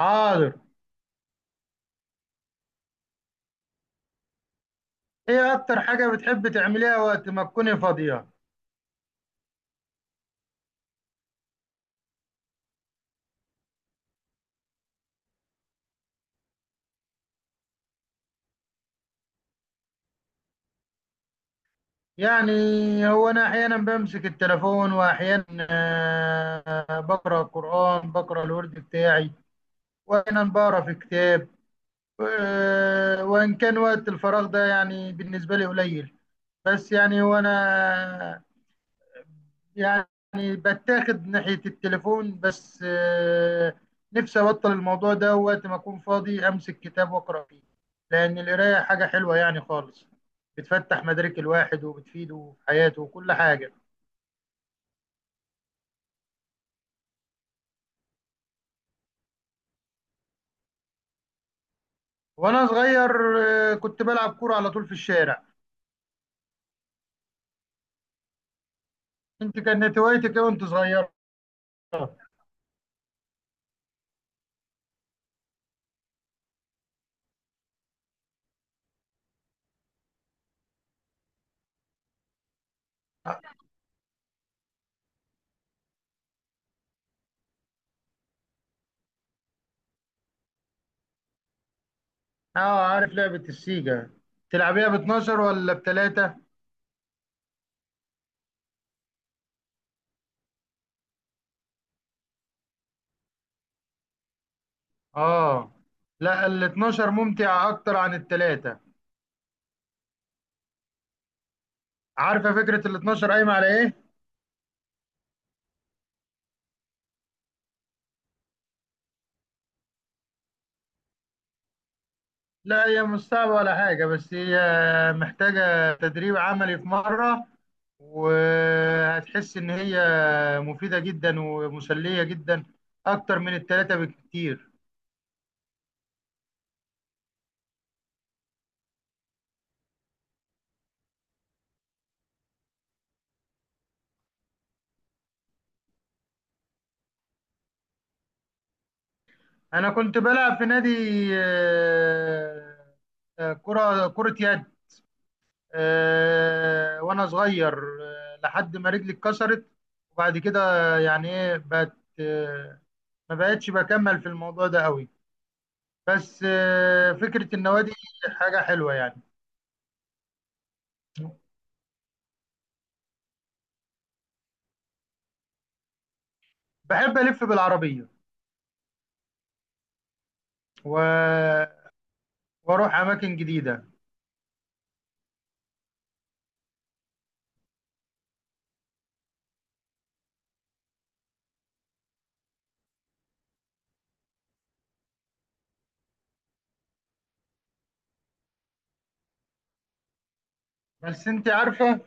حاضر. ايه اكتر حاجة بتحب تعمليها وقت ما تكوني فاضية؟ يعني هو انا احيانا بمسك التليفون واحيانا بقرا قرآن، بقرا الورد بتاعي، واحيانا بقرا في كتاب. وان كان وقت الفراغ ده يعني بالنسبة لي قليل، بس يعني هو انا، يعني بتاخد ناحية التليفون بس. نفسي أبطل الموضوع ده، وقت ما أكون فاضي أمسك كتاب وأقرأ فيه، لأن القراية حاجة حلوة يعني خالص، بتفتح مدارك الواحد وبتفيده في حياته وكل حاجة. وأنا صغير كنت بلعب كورة على طول في الشارع. أنت كانت هوايتك إيه وأنت صغير؟ اه، عارف لعبة السيجا. تلعبيها ب 12 ولا بتلاتة؟ اه، لا ال 12 ممتع اكتر عن التلاتة. عارفة فكرة ال 12 قايمة على إيه؟ لا هي مش صعبة ولا حاجة، بس هي محتاجة تدريب عملي في مرة، وهتحس إن هي مفيدة جدا ومسلية جدا أكتر من التلاتة بكتير. أنا كنت بلعب في نادي آه، كرة يد، وأنا صغير، لحد ما رجلي اتكسرت، وبعد كده يعني إيه بقت، ما بقتش بكمل في الموضوع ده قوي. بس فكرة النوادي حاجة حلوة يعني. بحب ألف بالعربية و... وأروح أماكن جديدة. بس أنت عارفة،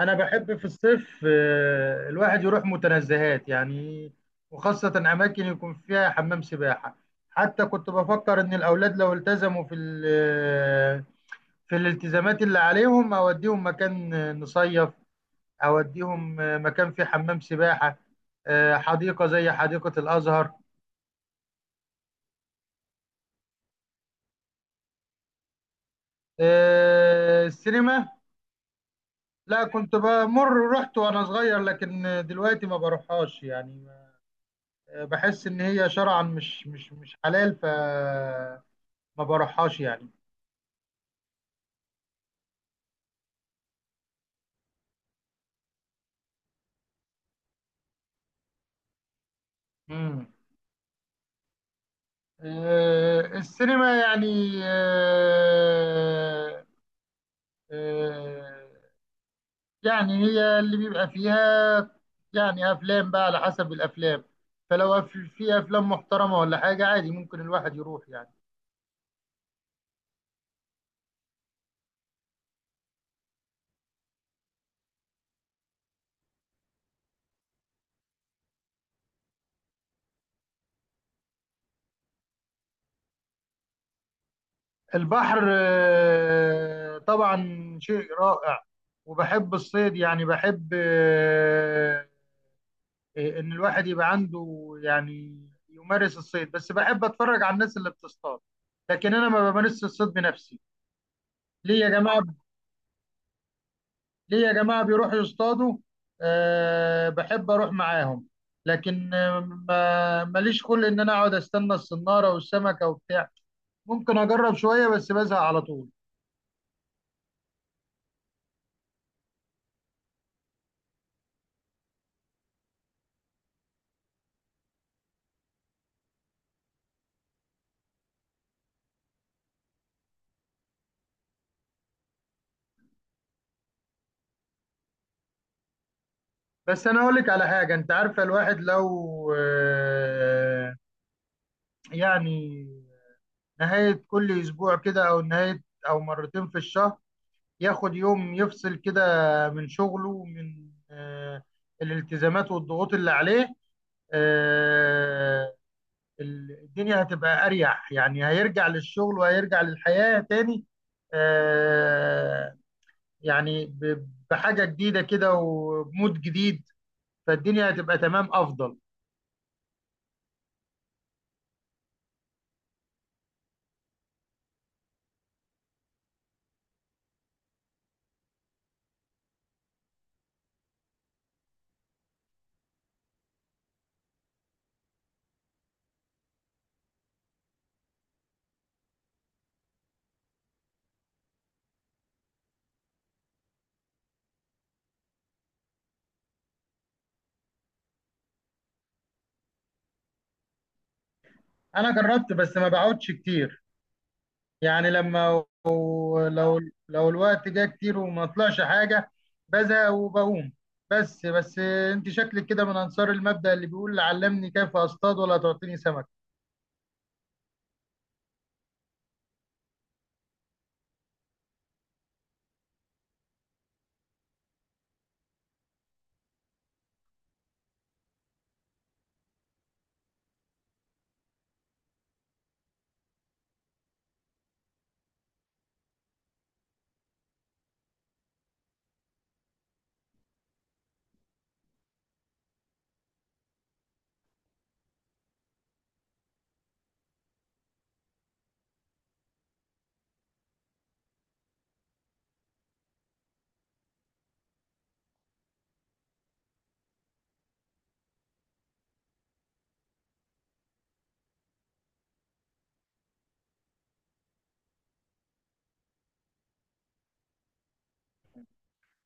أنا بحب في الصيف الواحد يروح متنزهات يعني، وخاصة أماكن يكون فيها حمام سباحة. حتى كنت بفكر إن الأولاد لو التزموا في الالتزامات اللي عليهم، أوديهم مكان نصيف، أوديهم مكان فيه حمام سباحة، حديقة زي حديقة الأزهر. السينما، لا كنت بمر، رحت وانا صغير لكن دلوقتي ما بروحهاش يعني. بحس ان هي شرعا مش حلال، ف ما بروحهاش يعني. امم السينما يعني آه، آه، يعني هي اللي بيبقى فيها، يعني افلام بقى على حسب الافلام، فلو في افلام محترمة ولا حاجة عادي، ممكن الواحد يروح يعني. البحر طبعا شيء رائع، وبحب الصيد، يعني بحب ان الواحد يبقى عنده يعني يمارس الصيد، بس بحب اتفرج على الناس اللي بتصطاد، لكن انا ما بمارسش الصيد بنفسي. ليه يا جماعه، ليه يا جماعه بيروحوا يصطادوا؟ أه بحب اروح معاهم، لكن ماليش خلق ان انا اقعد استنى الصناره والسمكه وبتاع، ممكن اجرب شويه بس بزهق على طول. بس انا اقول لك على حاجه، انت عارفه الواحد لو آه، يعني نهايه كل اسبوع كده، او نهايه، او مرتين في الشهر، ياخد يوم يفصل كده من شغله ومن الالتزامات والضغوط اللي عليه آه، الدنيا هتبقى اريح، يعني هيرجع للشغل وهيرجع للحياه تاني آه، يعني بحاجه جديده كده وبمود جديد، فالدنيا هتبقى تمام افضل. انا جربت بس ما بقعدش كتير، يعني لما لو الوقت جه كتير وما طلعش حاجه، بزهق وبقوم. بس انت شكلك كده من انصار المبدأ اللي بيقول علمني كيف اصطاد ولا تعطيني سمك.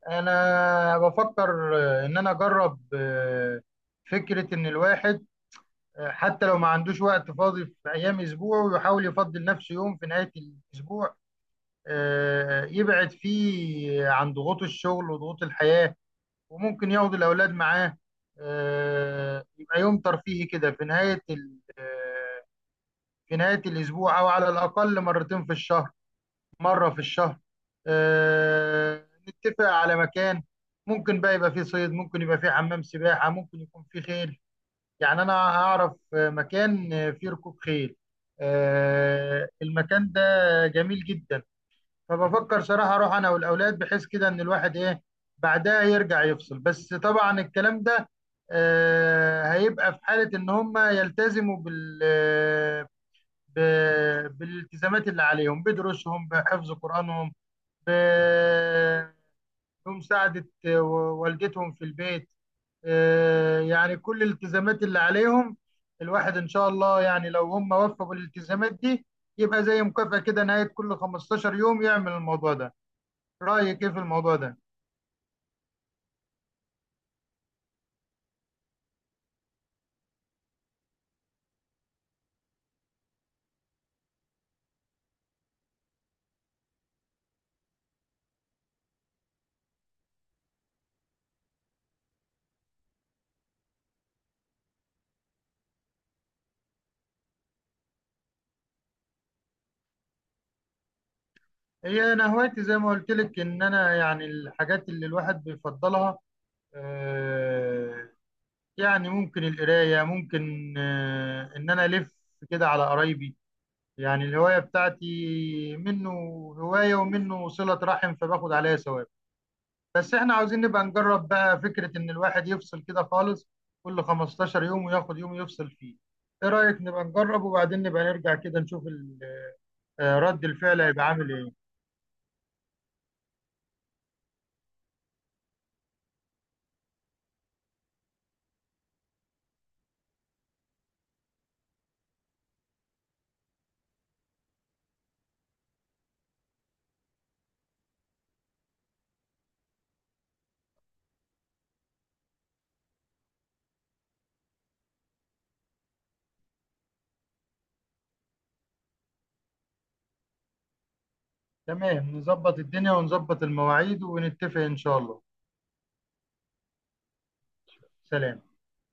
انا بفكر ان انا اجرب فكره ان الواحد، حتى لو ما عندوش وقت فاضي في ايام اسبوعه، ويحاول يفضل نفسه يوم في نهايه الاسبوع، يبعد فيه عن ضغوط الشغل وضغوط الحياه، وممكن ياخد الأولاد معاه، يبقى يوم ترفيهي كده في نهاية الأسبوع، أو على الأقل مرتين في الشهر، مرة في الشهر، نتفق على مكان ممكن بقى يبقى فيه صيد، ممكن يبقى فيه حمام سباحة، ممكن يكون فيه خيل. يعني أنا أعرف مكان فيه ركوب خيل، المكان ده جميل جدا. فبفكر صراحة اروح انا والاولاد، بحيث كده ان الواحد ايه، بعدها يرجع يفصل، بس طبعا الكلام ده هيبقى في حالة ان هم يلتزموا بالالتزامات اللي عليهم، بدروسهم، بحفظ قرآنهم، ب- بمساعدة والدتهم في البيت، يعني كل الالتزامات اللي عليهم، الواحد إن شاء الله يعني لو هم وفقوا بالالتزامات دي، يبقى زي مكافأة كده نهاية كل 15 يوم يعمل الموضوع ده. رأيك إيه في الموضوع ده؟ هي أنا هوايتي زي ما قلت لك، إن أنا يعني الحاجات اللي الواحد بيفضلها، آه، يعني ممكن القراية، ممكن إن أنا ألف كده على قرايبي، يعني الهواية بتاعتي منه هواية ومنه صلة رحم، فباخد عليها ثواب. بس احنا عاوزين نبقى نجرب بقى فكرة ان الواحد يفصل كده خالص كل 15 يوم، وياخد يوم يفصل فيه. ايه رأيك نبقى نجرب، وبعدين نبقى نرجع كده نشوف رد الفعل هيبقى عامل ايه؟ تمام، نظبط الدنيا ونظبط المواعيد ونتفق ان شاء الله. سلام.